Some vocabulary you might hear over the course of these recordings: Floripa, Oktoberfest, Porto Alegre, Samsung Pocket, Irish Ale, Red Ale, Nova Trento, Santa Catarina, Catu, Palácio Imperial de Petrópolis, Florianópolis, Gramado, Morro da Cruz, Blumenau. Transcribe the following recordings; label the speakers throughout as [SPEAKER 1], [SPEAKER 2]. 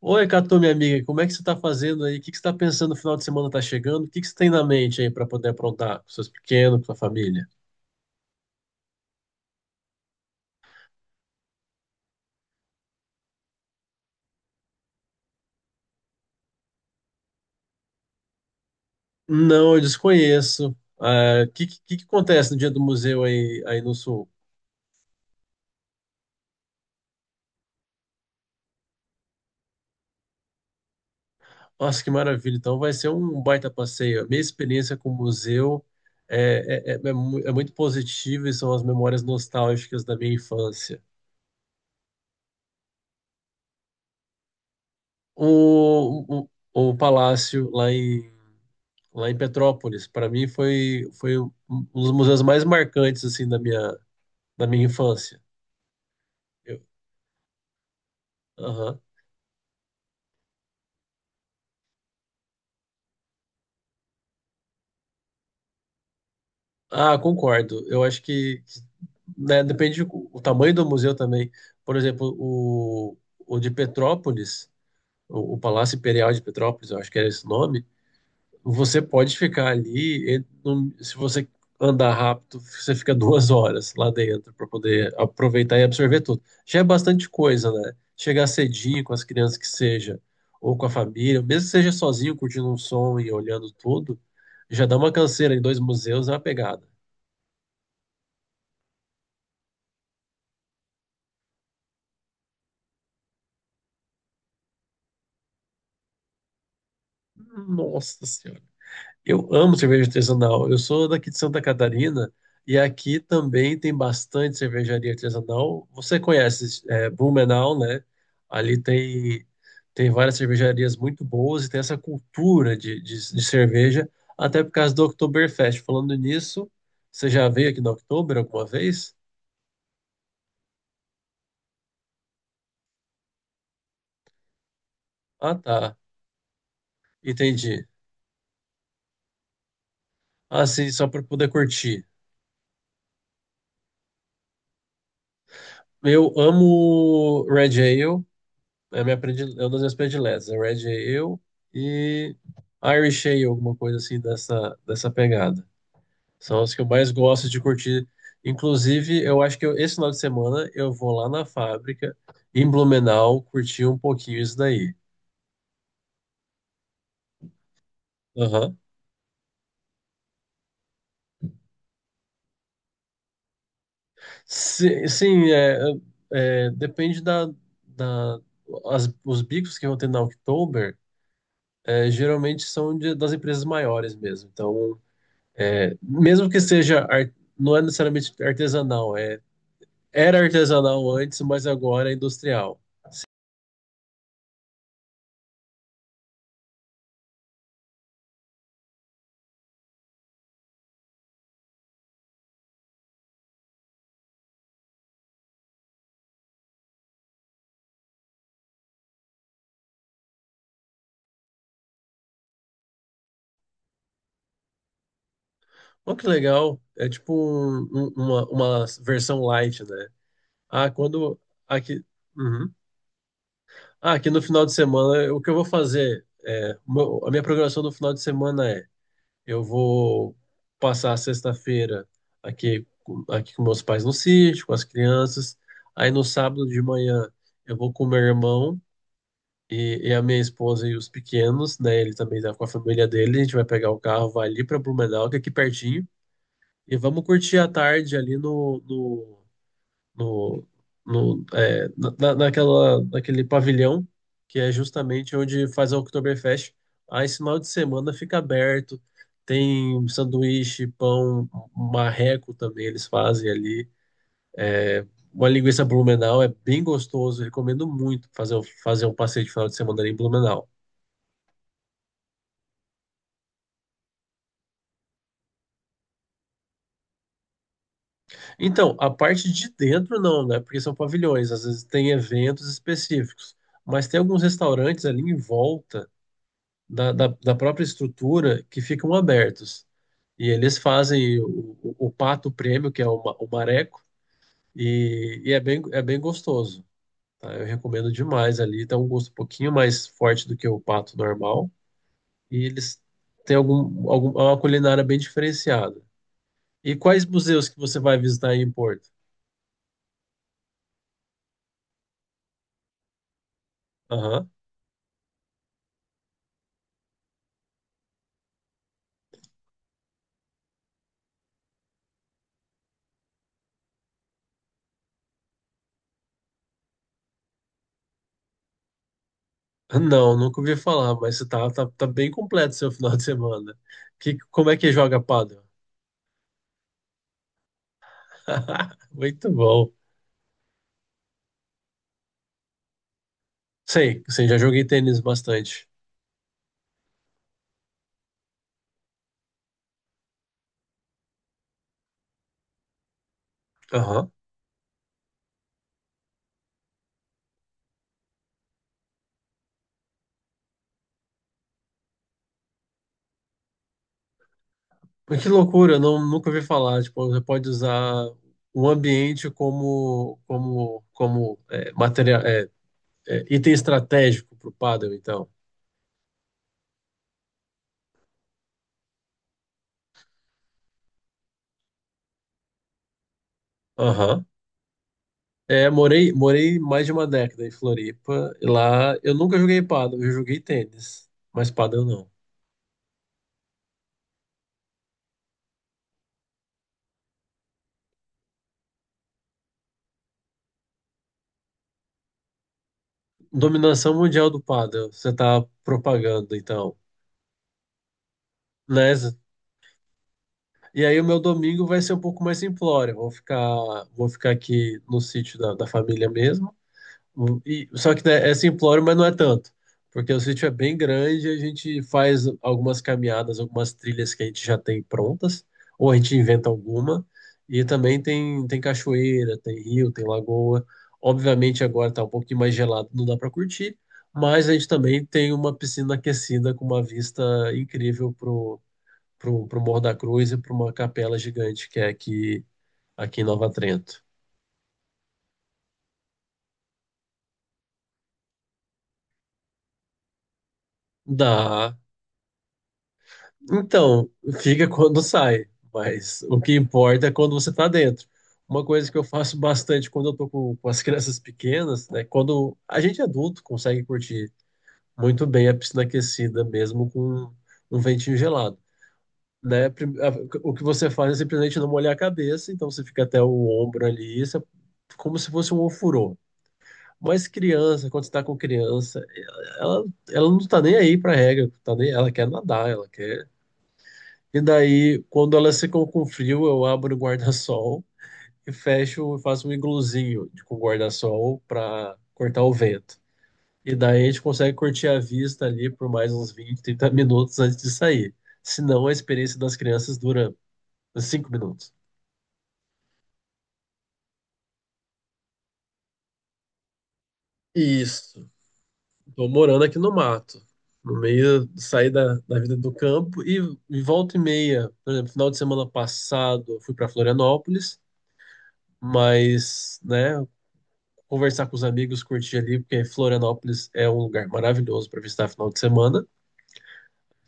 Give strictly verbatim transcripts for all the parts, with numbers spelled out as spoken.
[SPEAKER 1] Oi, Catu, minha amiga, como é que você está fazendo aí? O que que você está pensando no final de semana está chegando? O que que você tem na mente aí para poder aprontar com seus pequenos, com sua família? Não, eu desconheço. Ah, o que, que, que acontece no dia do museu aí, aí no Sul? Nossa, que maravilha! Então vai ser um baita passeio. A minha experiência com o museu é, é, é- é mu- é muito positiva e são as memórias nostálgicas da minha infância. O, o, o palácio lá lá em Petrópolis. Para mim foi, foi um um dos museus mais marcantes assim da minha, da minha infância. Eu- aham. Ah, concordo. Eu acho que, que, né, depende do o tamanho do museu também. Por exemplo, o, o de Petrópolis, o, o Palácio Imperial de Petrópolis, eu acho que era esse o nome. Você pode ficar ali, e não- se você andar rápido, você fica duas horas lá dentro para poder aproveitar e absorver tudo. Já é bastante coisa, né? Chegar cedinho com as crianças que seja, ou com a família, mesmo que seja sozinho, curtindo um som e olhando tudo, já dá uma canseira em dois museus, é uma pegada. Nossa, eu amo cerveja artesanal. Eu sou daqui de Santa Catarina e aqui também tem bastante cervejaria artesanal. Você conhece, é, Blumenau, né? Ali tem, tem várias cervejarias muito boas e tem essa cultura de, de, de cerveja, até por causa do Oktoberfest. Falando nisso, você já veio aqui no Oktober alguma vez? Ah, tá. Entendi. Assim, só para poder curtir. Eu amo Red Ale. É, minha predile... é uma das minhas prediletas. É Red Ale e Irish Ale, alguma coisa assim dessa, dessa pegada. São as que eu mais gosto de curtir. Inclusive, eu acho que eu- esse final de semana eu vou lá na fábrica, em Blumenau, curtir um pouquinho isso daí. Aham. Si- Sim, é, é, depende da, da as- os bicos que vão ter na Oktober, é, geralmente são de- das empresas maiores mesmo. Então, é, mesmo que seja, ar- não é necessariamente artesanal, é, era artesanal antes, mas agora é industrial. Olha que legal, é tipo um- um- uma, uma versão light, né? Ah, quando aqui, uhum. Ah, aqui no final de semana, o que eu vou fazer? É, o meu- a minha programação no final de semana é, eu vou passar a sexta-feira aqui, com- aqui com meus pais no sítio, com as crianças. Aí no sábado de manhã eu vou com meu irmão E, e a minha esposa e os pequenos, né? Ele também tá com a família dele. A gente vai pegar o carro, vai ali pra Blumenau, que é aqui pertinho. E vamos curtir a tarde ali no, no, no, no- é, na, naquela, naquele pavilhão, que é justamente onde faz a Oktoberfest. Aí esse final de semana fica aberto. Tem sanduíche, pão, marreco também eles fazem ali. Uma linguiça Blumenau é bem gostoso. Recomendo muito fazer, um- fazer um passeio de final de semana ali em Blumenau. Então, a parte de dentro não, né? Porque são pavilhões, às vezes tem eventos específicos, mas tem alguns restaurantes ali em volta da, da, da própria estrutura que ficam abertos. E eles fazem o, o, o pato prêmio, que é o, ma- o mareco, e, e é bem, é bem gostoso. Tá? Eu recomendo demais ali. Tem um gosto um pouquinho mais forte do que o pato normal. E eles têm algum, algum, é uma culinária bem diferenciada. E quais museus que você vai visitar aí em Porto? Aham. Não, nunca ouvi falar, mas tá, tá, tá bem completo seu final de semana. Que, como é que joga pádel? Muito bom. Sei, sei, já joguei tênis bastante. Aham. Mas que loucura, eu não, nunca ouvi falar. Tipo, você pode usar o ambiente como, como, como é, material, é, é, item estratégico para o pádel, então. Aham. É, morei, morei mais de uma década em Floripa. E lá eu nunca joguei pádel, eu joguei tênis, mas pádel não. Dominação mundial do pádel, você tá propagando, então, né? E aí o meu domingo vai ser um pouco mais simplório. Vou ficar, vou ficar aqui no sítio da, da família mesmo. O- e- só que né, é simplório, mas não é tanto. Porque o sítio é bem grande, a gente faz algumas caminhadas, algumas trilhas que a gente já tem prontas, ou a gente inventa alguma. E também tem, tem cachoeira, tem rio, tem lagoa. Obviamente agora tá um pouquinho mais gelado, não dá para curtir, mas a gente também tem uma piscina aquecida com uma vista incrível pro, pro, pro Morro da Cruz e para uma capela gigante que é aqui, aqui em Nova Trento. Dá. Então, fica quando sai, mas o que importa é quando você está dentro. Uma coisa que eu faço bastante quando eu tô com, com as crianças pequenas, né? Quando a gente é adulto consegue curtir muito bem a piscina aquecida, mesmo com um ventinho gelado, né? Prim- a- O que você faz é simplesmente não molhar a cabeça, então você fica até o ombro ali, isso é como se fosse um ofurô. Mas criança, quando você tá com criança, ela, ela não tá nem aí pra regra, tá nem, ela quer nadar, ela quer. E daí, quando elas ficam com frio, eu abro o guarda-sol e fecho e faço um igluzinho de- com guarda-sol para cortar o vento. E daí a gente consegue curtir a vista ali por mais uns vinte trinta minutos antes de sair. Senão a experiência das crianças dura cinco minutos. Isso. Estou morando aqui no mato, no meio, saí da, da vida do campo e, e volta e meia. Por exemplo, final de semana passado eu fui para Florianópolis, mas, né, conversar com os amigos, curtir ali, porque Florianópolis é um lugar maravilhoso para visitar final de semana.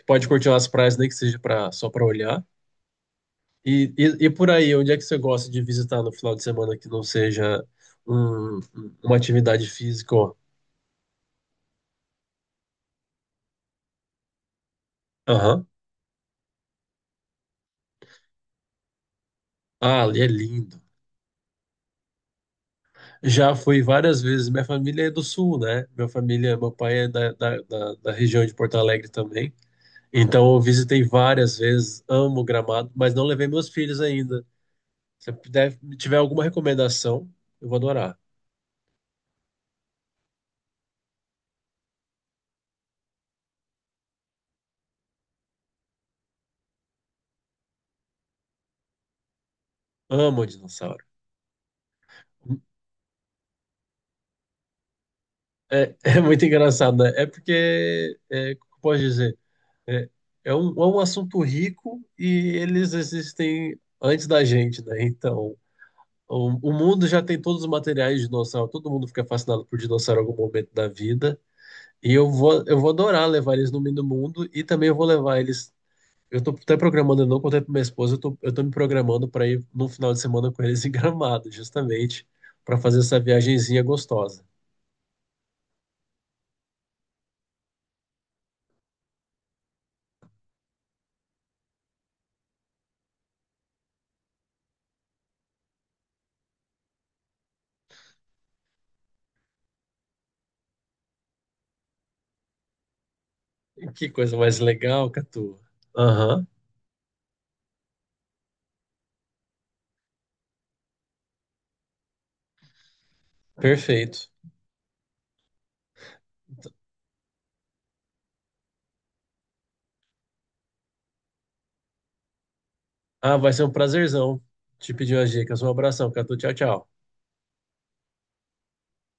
[SPEAKER 1] Pode curtir as praias, nem que seja pra, só para olhar. E, e, e por aí, onde é que você gosta de visitar no final de semana que não seja um- um, uma atividade física? Ó? Aham. Ah, ali é lindo. Já fui várias vezes. Minha família é do sul, né? Minha família, meu pai é da, da, da, da região de Porto Alegre também. Então eu visitei várias vezes, amo Gramado, mas não levei meus filhos ainda. Se você puder, tiver alguma recomendação, eu vou adorar. Amo dinossauro. É, é muito engraçado, né? É porque, é, como pode dizer, é, é um, é um assunto rico e eles existem antes da gente, né? Então, o, o mundo já tem todos os materiais de dinossauro, todo mundo fica fascinado por dinossauro em algum momento da vida. E eu vou, eu vou adorar levar eles no meio do mundo e também eu vou levar eles. Eu tô até programando, eu não contei pra minha esposa, eu tô, eu tô me programando para ir no final de semana com eles em Gramado, justamente, para fazer essa viagenzinha gostosa. E que coisa mais legal, Catu. Aham, perfeito. Ah, vai ser um prazerzão te pedir umas dicas. Um abração, Catu. Tchau, tchau.